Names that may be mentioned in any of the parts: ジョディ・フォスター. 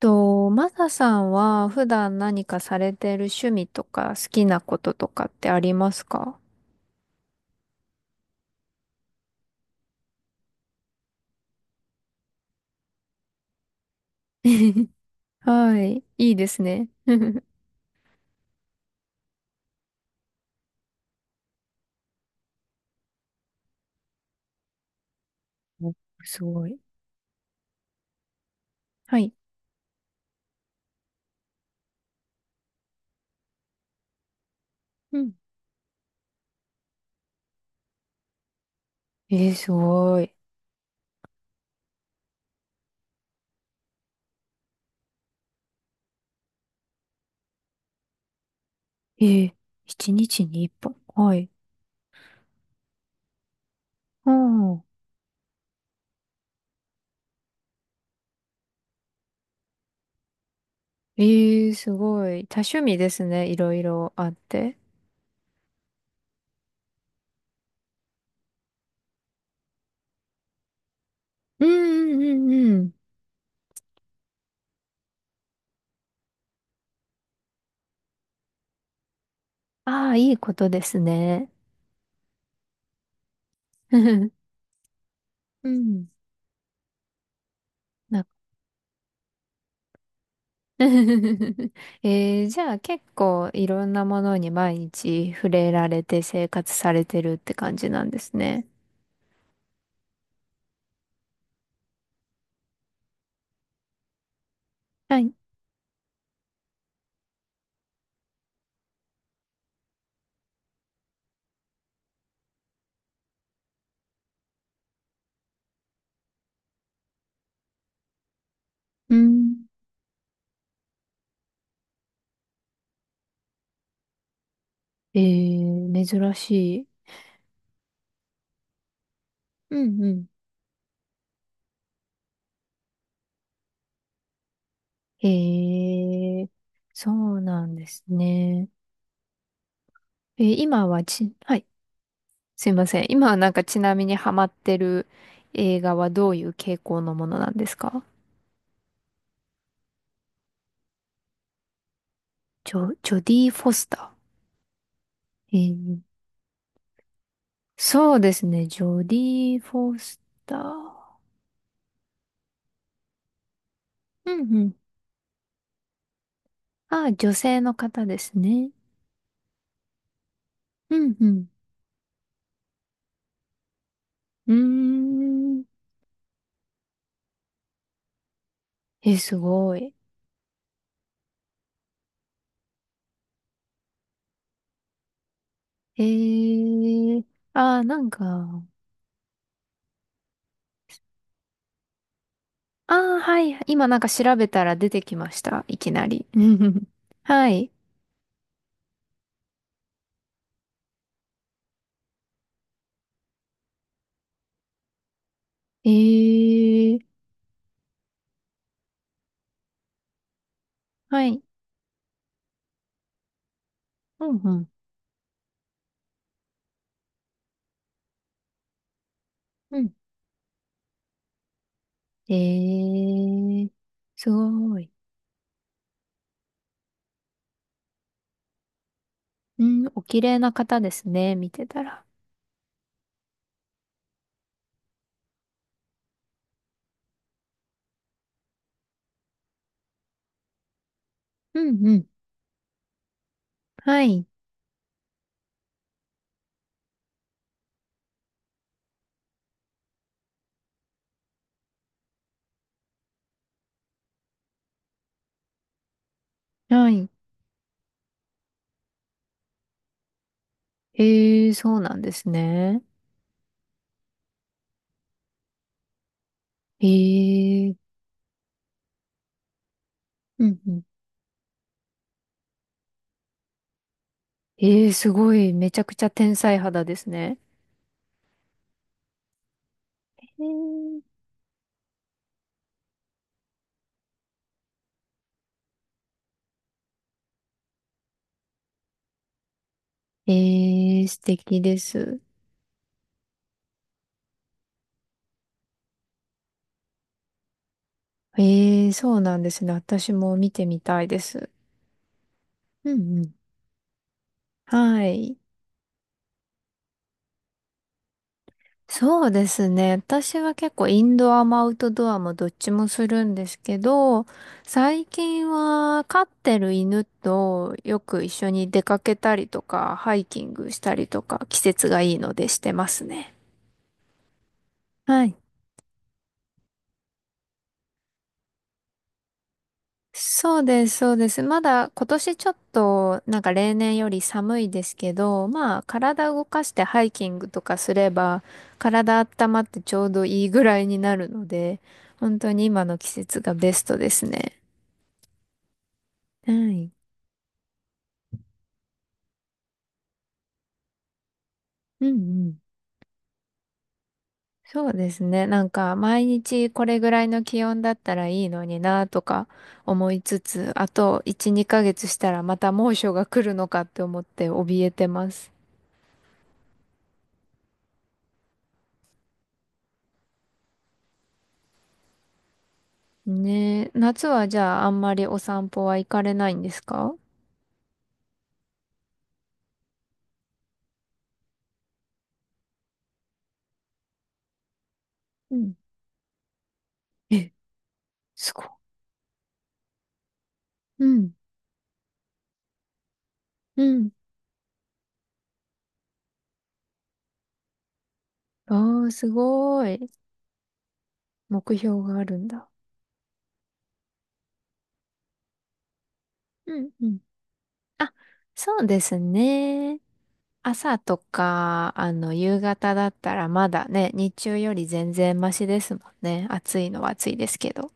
と、マサさんは普段何かされてる趣味とか好きなこととかってありますか？ はい。いいですね。お、すごい。はい。うん。えー、すごい。えー、一日に一本。はい。うん。えー、すごい。多趣味ですね。いろいろあって。うんうんうんうん。ああ、いいことですね。うん。なん じゃあ結構いろんなものに毎日触れられて生活されてるって感じなんですね。はい。うん。えー、珍しい。うんうん。えー、そうなんですね。えー今はち、はい。すいません。今はなんかちなみにハマってる映画はどういう傾向のものなんですか？ジョディ・フォスター。そうですね。ジョディ・フォスター。うんうん。あ、女性の方ですね。うん、うん。うーん。え、すごい。えー、あー、なんか、あー、はい。今なんか調べたら出てきました。いきなり。はい。えー、はい。うん、うん。うん。えー、すごい。うん、お綺麗な方ですね。見てたら。うん、うん。はい。はい。えー、そうなんですね。えー、うん、うん。ええ、すごい、めちゃくちゃ天才肌ですね。へー。ええ、素敵です。ええ、そうなんですね。私も見てみたいです。うんうん。はい。そうですね。私は結構インドアもアウトドアもどっちもするんですけど、最近は飼ってる犬とよく一緒に出かけたりとか、ハイキングしたりとか、季節がいいのでしてますね。はい。そうです、そうです。まだ今年ちょっとなんか例年より寒いですけど、まあ体動かしてハイキングとかすれば体温まってちょうどいいぐらいになるので、本当に今の季節がベストですね。はい。うんうん。そうですね。なんか毎日これぐらいの気温だったらいいのになとか思いつつ、あと1、2ヶ月したらまた猛暑が来るのかって思って怯えてます。ねえ、夏はじゃああんまりお散歩は行かれないんですか？うん。え、すごい。うん、うん。ああ、すごい。目標があるんだ。うんうん。あ、そうですね。朝とか、夕方だったらまだね、日中より全然マシですもんね。暑いのは暑いですけど。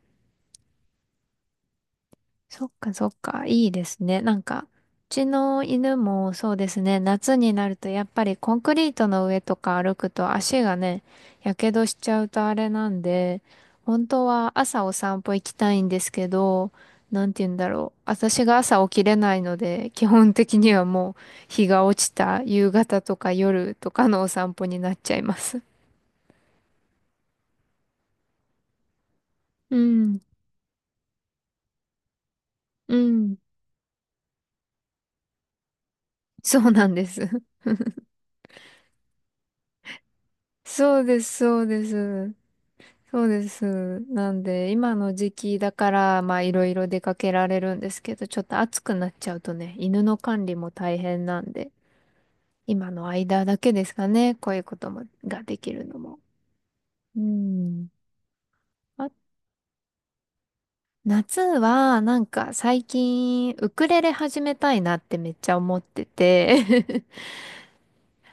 そっかそっか、いいですね。なんか、うちの犬もそうですね、夏になるとやっぱりコンクリートの上とか歩くと足がね、やけどしちゃうとあれなんで、本当は朝お散歩行きたいんですけど、なんて言うんだろう。私が朝起きれないので、基本的にはもう日が落ちた夕方とか夜とかのお散歩になっちゃいます。うん、うん、そうなんです。そうです、そうです。そうです。なんで、今の時期だから、まあ、いろいろ出かけられるんですけど、ちょっと暑くなっちゃうとね、犬の管理も大変なんで、今の間だけですかね、こういうことも、ができるのも。うん。あ、夏は、なんか最近、ウクレレ始めたいなってめっちゃ思ってて、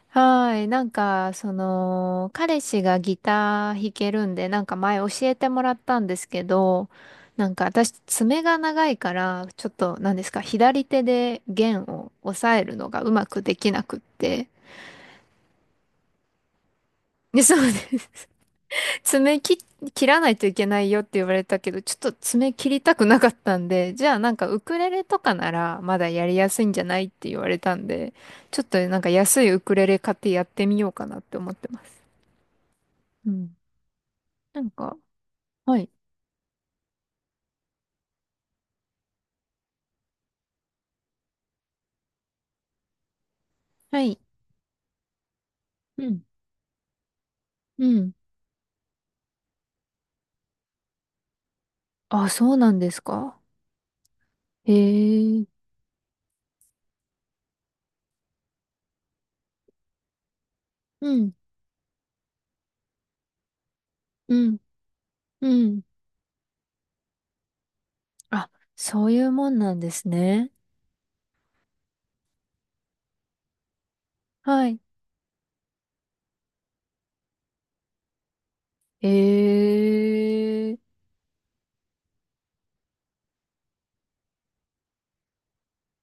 はーい。なんか、彼氏がギター弾けるんで、なんか前教えてもらったんですけど、なんか私、爪が長いから、ちょっと、なんですか、左手で弦を押さえるのがうまくできなくって。で、そうです。爪切、切らないといけないよって言われたけど、ちょっと爪切りたくなかったんで、じゃあなんかウクレレとかならまだやりやすいんじゃないって言われたんで、ちょっとなんか安いウクレレ買ってやってみようかなって思ってます。うん。なんか、はい。はい。うん。うん。あ、そうなんですか？へえ。うん。うん。うん。あ、そういうもんなんですね。はい。へえ。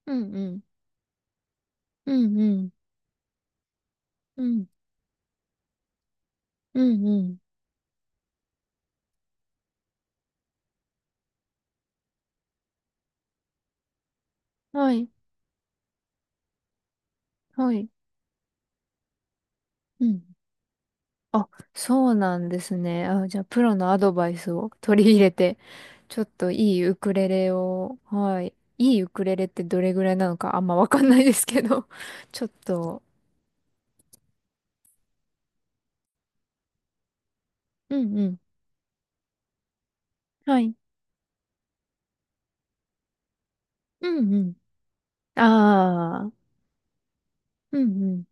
うんうん。うんうん。うん。うんうん。はい。はい。うん。あ、そうなんですね。あ、じゃあ、プロのアドバイスを取り入れて、ちょっといいウクレレを、はい。いいウクレレってどれぐらいなのかあんまわかんないですけど、ちょっと、うんうん。はい。うんうん。ああ、うんうん。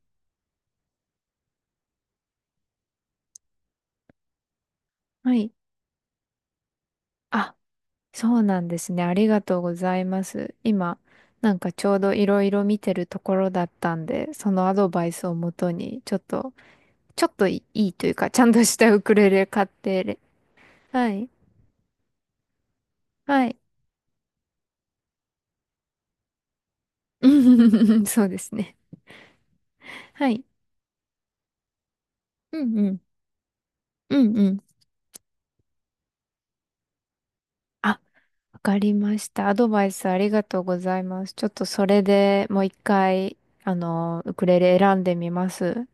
はい。あ、そうなんですね。ありがとうございます。今、なんかちょうどいろいろ見てるところだったんで、そのアドバイスをもとに、ちょっと、ちょっといいというか、ちゃんとしたウクレレ買って、はい。はい。そうですね。はい。うんうん。うんうん。あ、わかりました。アドバイスありがとうございます。ちょっとそれでもう一回、ウクレレ選んでみます。